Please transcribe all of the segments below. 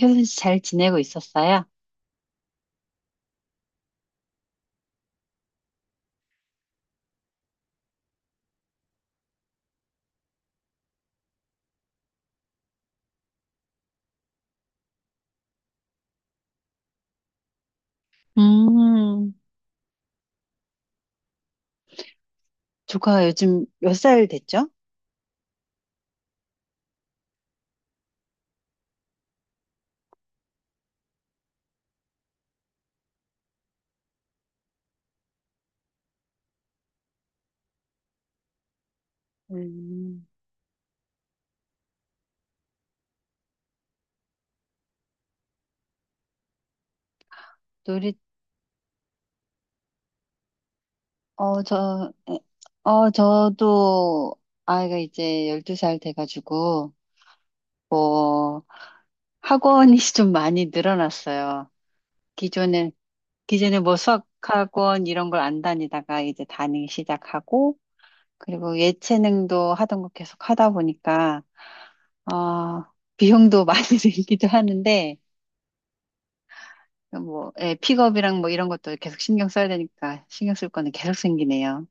효선 씨 잘 지내고 있었어요? 음, 조카가 요즘 몇 살 됐죠? 음, 놀이, 어, 저, 에, 어, 저도 아이가 이제 12살 돼가지고, 뭐, 학원이 좀 많이 늘어났어요. 기존에, 기존에 뭐 수학학원 이런 걸 안 다니다가 이제 다니기 시작하고, 그리고 예체능도 하던 거 계속 하다 보니까, 어, 비용도 많이 들기도 하는데, 뭐, 예, 픽업이랑 뭐 이런 것도 계속 신경 써야 되니까 신경 쓸 거는 계속 생기네요.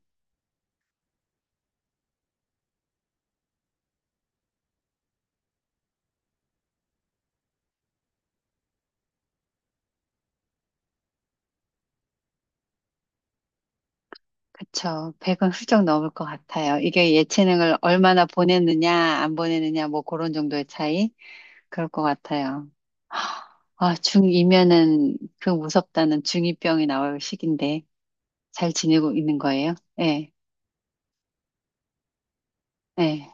그쵸. 100은 훌쩍 넘을 것 같아요. 이게 예체능을 얼마나 보냈느냐, 안 보냈느냐, 뭐 그런 정도의 차이? 그럴 것 같아요. 아, 중2면은 그 무섭다는 중2병이 나올 시기인데 잘 지내고 있는 거예요? 네, 네,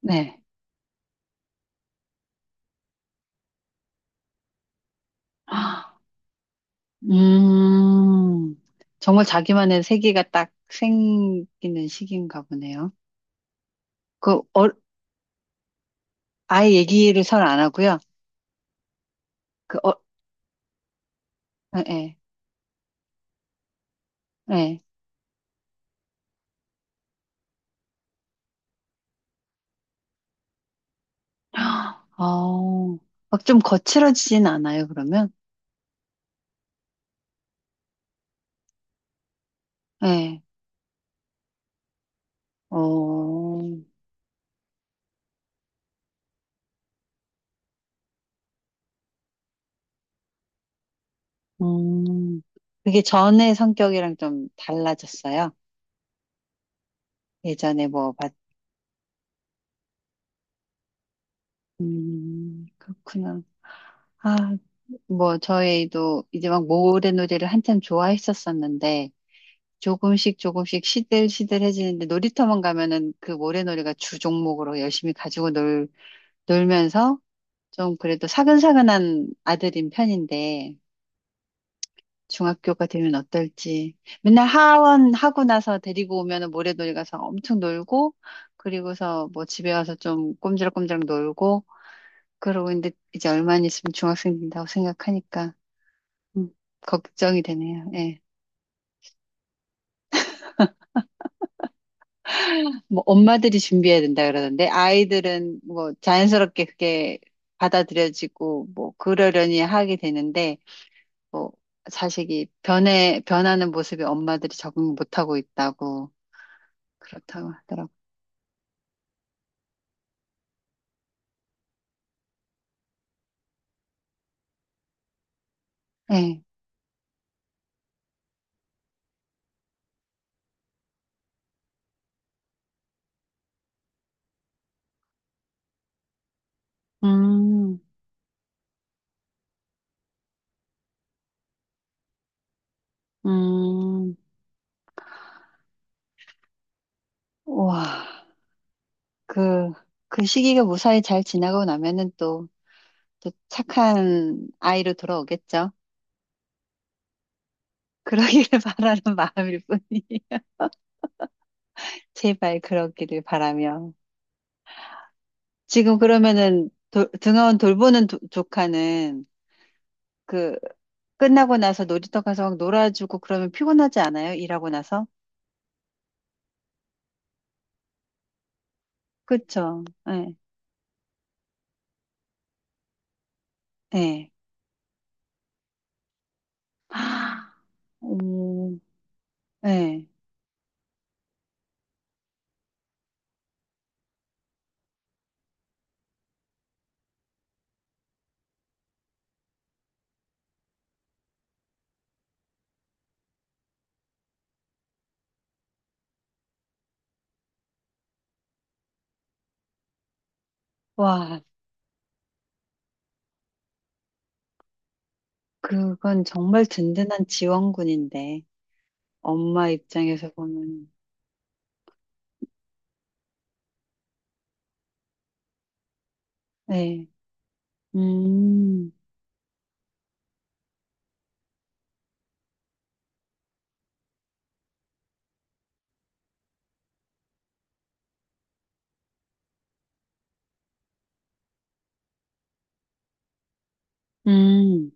네. 아, 음, 정말 자기만의 세계가 딱 생기는 시기인가 보네요. 그, 어, 아예 얘기를 잘 안 하고요. 그, 어, 예, 예. 예. 어, 막 좀 거칠어지진 않아요, 그러면? 예. 어, 음. 그게 전의 성격이랑 좀 달라졌어요. 예전에 뭐, 봤, 그렇구나. 아, 뭐, 저희도 이제 막 모래놀이를 한참 좋아했었었는데, 조금씩 조금씩 시들시들해지는데, 놀이터만 가면은 그 모래놀이가 주 종목으로 열심히 가지고 놀면서, 좀 그래도 사근사근한 아들인 편인데 중학교가 되면 어떨지 맨날 하원 하고 나서 데리고 오면은 모래놀이 가서 엄청 놀고 그리고서 뭐 집에 와서 좀 꼼지락꼼지락 놀고 그러고 있는데 이제 얼마 안 있으면 중학생 된다고 생각하니까 음, 걱정이 되네요. 예. 뭐 엄마들이 준비해야 된다 그러던데 아이들은 뭐 자연스럽게 그게 받아들여지고 뭐 그러려니 하게 되는데 뭐 자식이 변해 변하는 모습에 엄마들이 적응 못하고 있다고 그렇다고 하더라고. 네. 음, 음, 와, 그, 그 시기가 무사히 잘 지나고 나면은 또 착한 아이로 돌아오겠죠. 그러기를 바라는 마음일 뿐이 제발 그러기를 바라며. 지금 그러면은 등하원 돌보는 조카는 그 끝나고 나서 놀이터 가서 막 놀아주고 그러면 피곤하지 않아요? 일하고 나서? 그쵸. 예, 예. 아, 음, 예. 와, 그건 정말 든든한 지원군인데, 엄마 입장에서 보면, 예. 음, 음.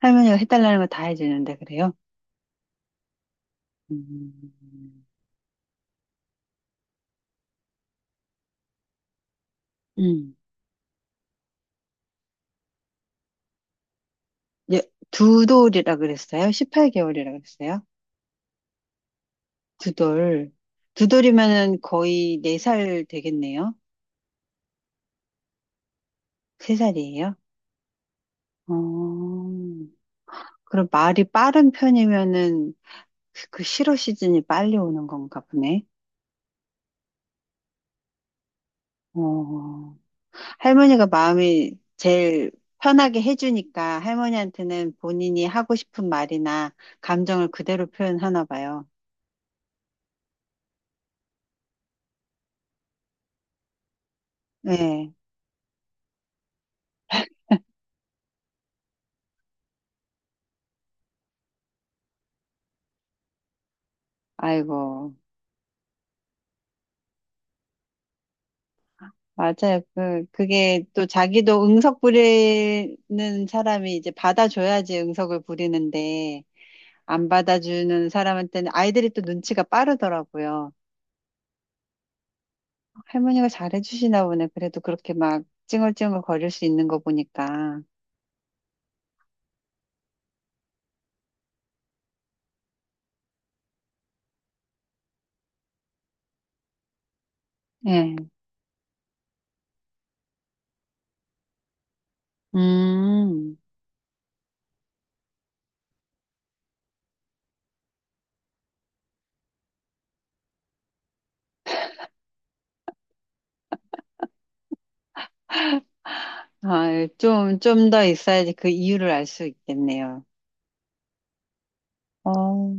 할머니가 해달라는 거 다 해주는데, 그래요? 음, 음. 예, 두 돌이라 그랬어요? 18개월이라 그랬어요? 두 돌. 두 돌이면은 거의 네 살 되겠네요? 세살이에요. 어, 그럼 말이 빠른 편이면은 그 실어 시즌이 빨리 오는 건가 보네. 어, 할머니가 마음이 제일 편하게 해주니까 할머니한테는 본인이 하고 싶은 말이나 감정을 그대로 표현하나 봐요. 네. 아이고. 맞아요. 그게 또 자기도 응석 부리는 사람이 이제 받아줘야지 응석을 부리는데 안 받아주는 사람한테는 아이들이 또 눈치가 빠르더라고요. 할머니가 잘해주시나 보네. 그래도 그렇게 막 찡얼찡얼 거릴 수 있는 거 보니까. 예. 음. 아, 좀 더 있어야지 그 이유를 알 수 있겠네요. 어,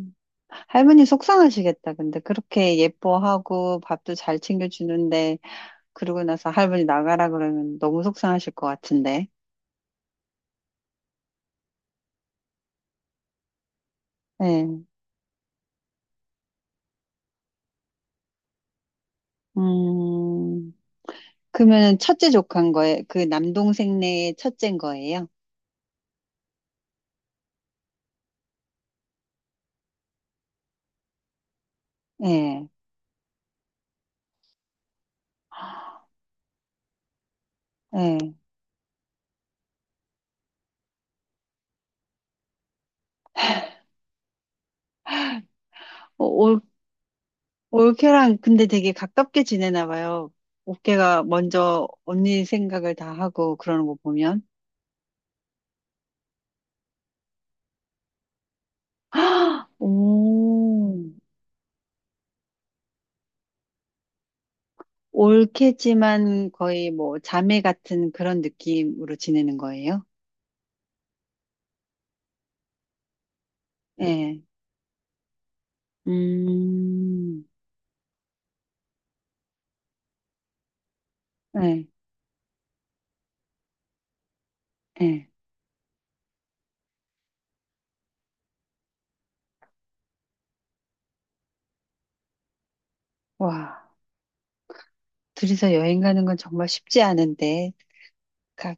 할머니 속상하시겠다. 근데 그렇게 예뻐하고 밥도 잘 챙겨주는데, 그러고 나서 할머니 나가라 그러면 너무 속상하실 것 같은데. 네. 음. 그러면 첫째 조카인 거예요? 그 남동생네 첫째인 거예요? 예. 예. 올케랑 근데 되게 가깝게 지내나 봐요. 올케가 먼저 언니 생각을 다 하고 그러는 거 보면. 오, 올케지만 거의 뭐 자매 같은 그런 느낌으로 지내는 거예요? 예. 음, 예, 예. 와, 둘이서 여행 가는 건 정말 쉽지 않은데. 가,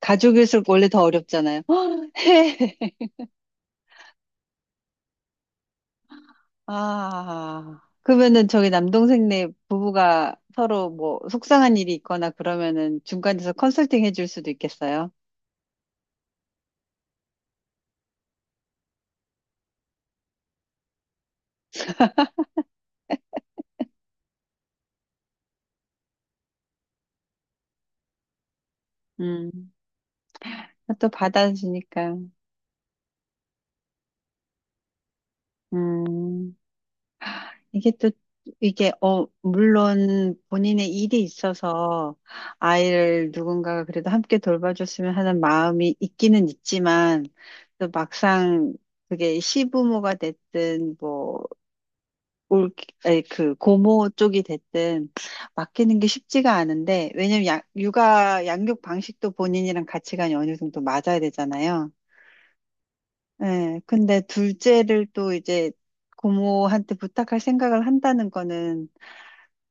가족일수록 원래 더 어렵잖아요. 아, 그러면은 저기 남동생네 부부가 서로 뭐 속상한 일이 있거나 그러면은 중간에서 컨설팅 해줄 수도 있겠어요. 음, 또 받아주니까. 음, 이게 또, 이게, 물론 본인의 일이 있어서 아이를 누군가가 그래도 함께 돌봐줬으면 하는 마음이 있기는 있지만 또 막상 그게 시부모가 됐든 뭐 올, 아니, 그 고모 쪽이 됐든 맡기는 게 쉽지가 않은데 왜냐면 육아 양육 방식도 본인이랑 가치관이 어느 정도 맞아야 되잖아요. 예, 근데 둘째를 또 이제 고모한테 부탁할 생각을 한다는 거는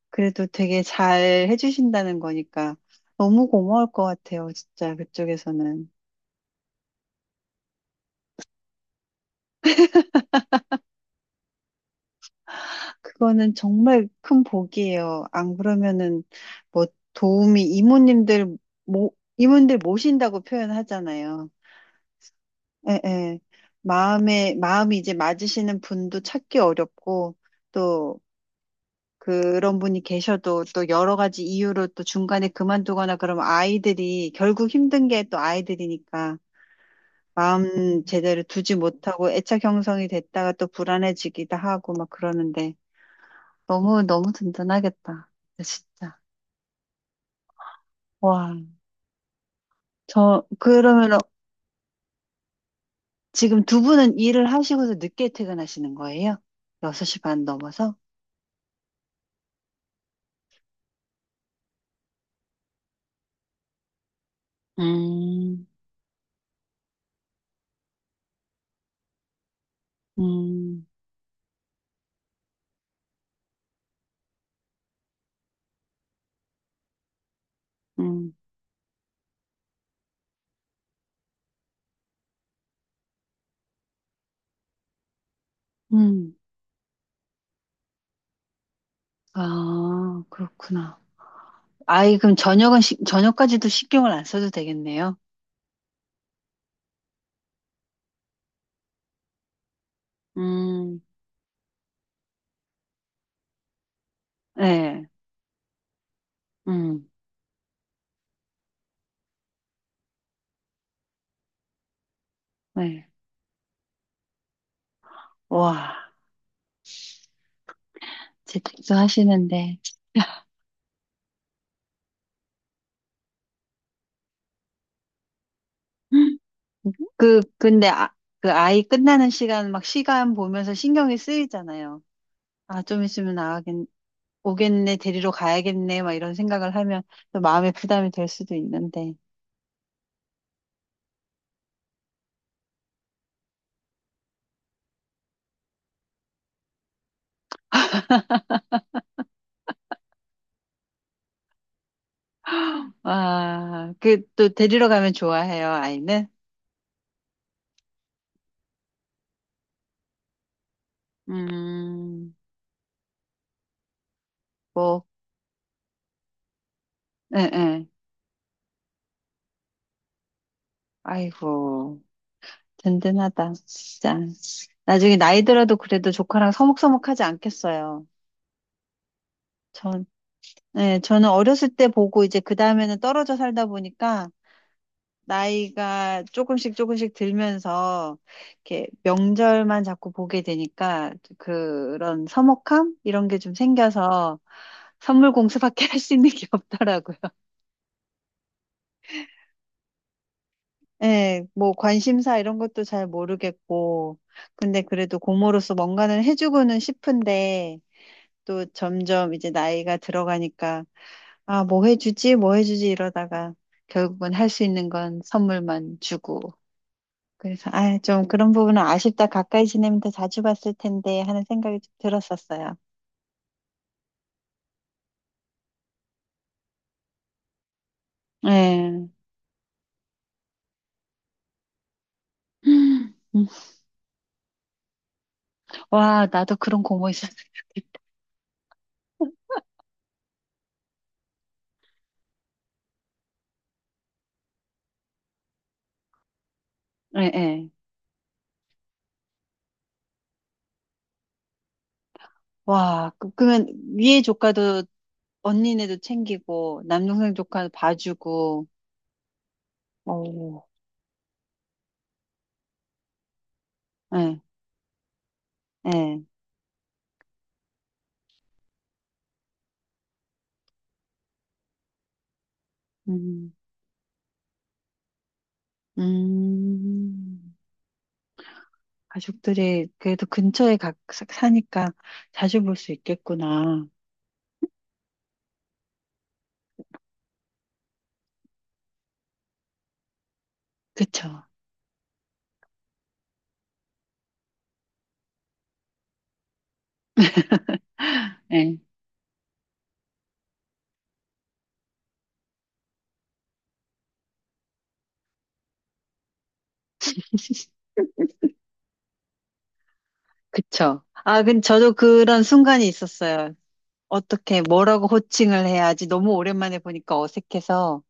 그래도 되게 잘 해주신다는 거니까 너무 고마울 것 같아요, 진짜 그쪽에서는. 그거는 정말 큰 복이에요. 안 그러면은 뭐 도움이 이모님들 모이님들 모신다고 표현하잖아요. 예, 예. 마음이 이제 맞으시는 분도 찾기 어렵고, 또 그런 분이 계셔도 또 여러 가지 이유로 또 중간에 그만두거나 그러면 아이들이, 결국 힘든 게 또 아이들이니까 마음 제대로 두지 못하고 애착 형성이 됐다가 또 불안해지기도 하고 막 그러는데 너무, 너무 든든하겠다. 진짜. 와. 저, 그러면 지금 두 분은 일을 하시고서 늦게 퇴근하시는 거예요? 6시 반 넘어서? 음. 음, 음, 음. 아, 그렇구나. 아이, 그럼 저녁은, 시, 저녁까지도 신경을 안 써도 되겠네요. 음, 네, 음, 네. 와, 재택도 하시는데. 근데, 아, 그 아이 끝나는 시간, 막 시간 보면서 신경이 쓰이잖아요. 아, 좀 있으면 나가겠, 오겠네, 데리러 가야겠네, 막 이런 생각을 하면 또 마음의 부담이 될 수도 있는데. 아, 그, 또 데리러 가면 좋아해요, 아이는? 음. 있고, 예, 예. 아이고, 든든하다, 진짜. 나중에 나이 들어도 그래도 조카랑 서먹서먹하지 않겠어요. 전, 네, 저는 어렸을 때 보고 이제 그 다음에는 떨어져 살다 보니까 나이가 조금씩 조금씩 들면서 이렇게 명절만 자꾸 보게 되니까 그런 서먹함? 이런 게 좀 생겨서 선물 공수밖에 할 수 있는 게 없더라고요. 예, 뭐 관심사 이런 것도 잘 모르겠고, 근데 그래도 고모로서 뭔가는 해주고는 싶은데, 또 점점 이제 나이가 들어가니까, 아, 뭐 해주지, 뭐 해주지 이러다가 결국은 할 수 있는 건 선물만 주고. 그래서, 아, 좀 그런 부분은 아쉽다. 가까이 지내면 더 자주 봤을 텐데 하는 생각이 좀 들었었어요. 예. 음, 와, 나도 그런 고모 있었으면 좋겠다. 예, 예. 와, 그러면 위에 조카도 언니네도 챙기고, 남동생 조카도 봐주고, 어, 예, 예. 음, 음, 가족들이 그래도 근처에 사니까 자주 볼 수 있겠구나. 그쵸. 예, 그쵸. 아, 근데 저도 그런 순간이 있었어요. 어떻게, 뭐라고 호칭을 해야지 너무 오랜만에 보니까 어색해서.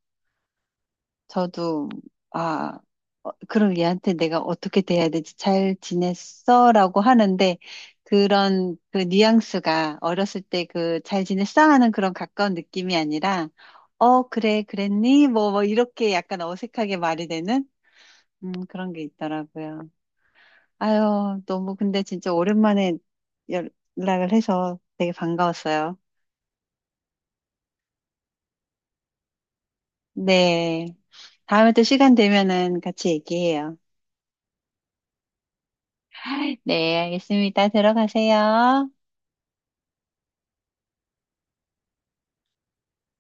저도, 아, 그럼 얘한테 내가 어떻게 대해야 되지? 잘 지냈어? 라고 하는데, 그런 그 뉘앙스가 어렸을 때 그 잘 지냈어? 하는 그런 가까운 느낌이 아니라, 어, 그래, 그랬니? 뭐, 뭐, 이렇게 약간 어색하게 말이 되는? 그런 게 있더라고요. 아유, 너무 근데 진짜 오랜만에 연락을 해서 되게 반가웠어요. 네. 다음에 또 시간 되면은 같이 얘기해요. 네, 알겠습니다. 들어가세요.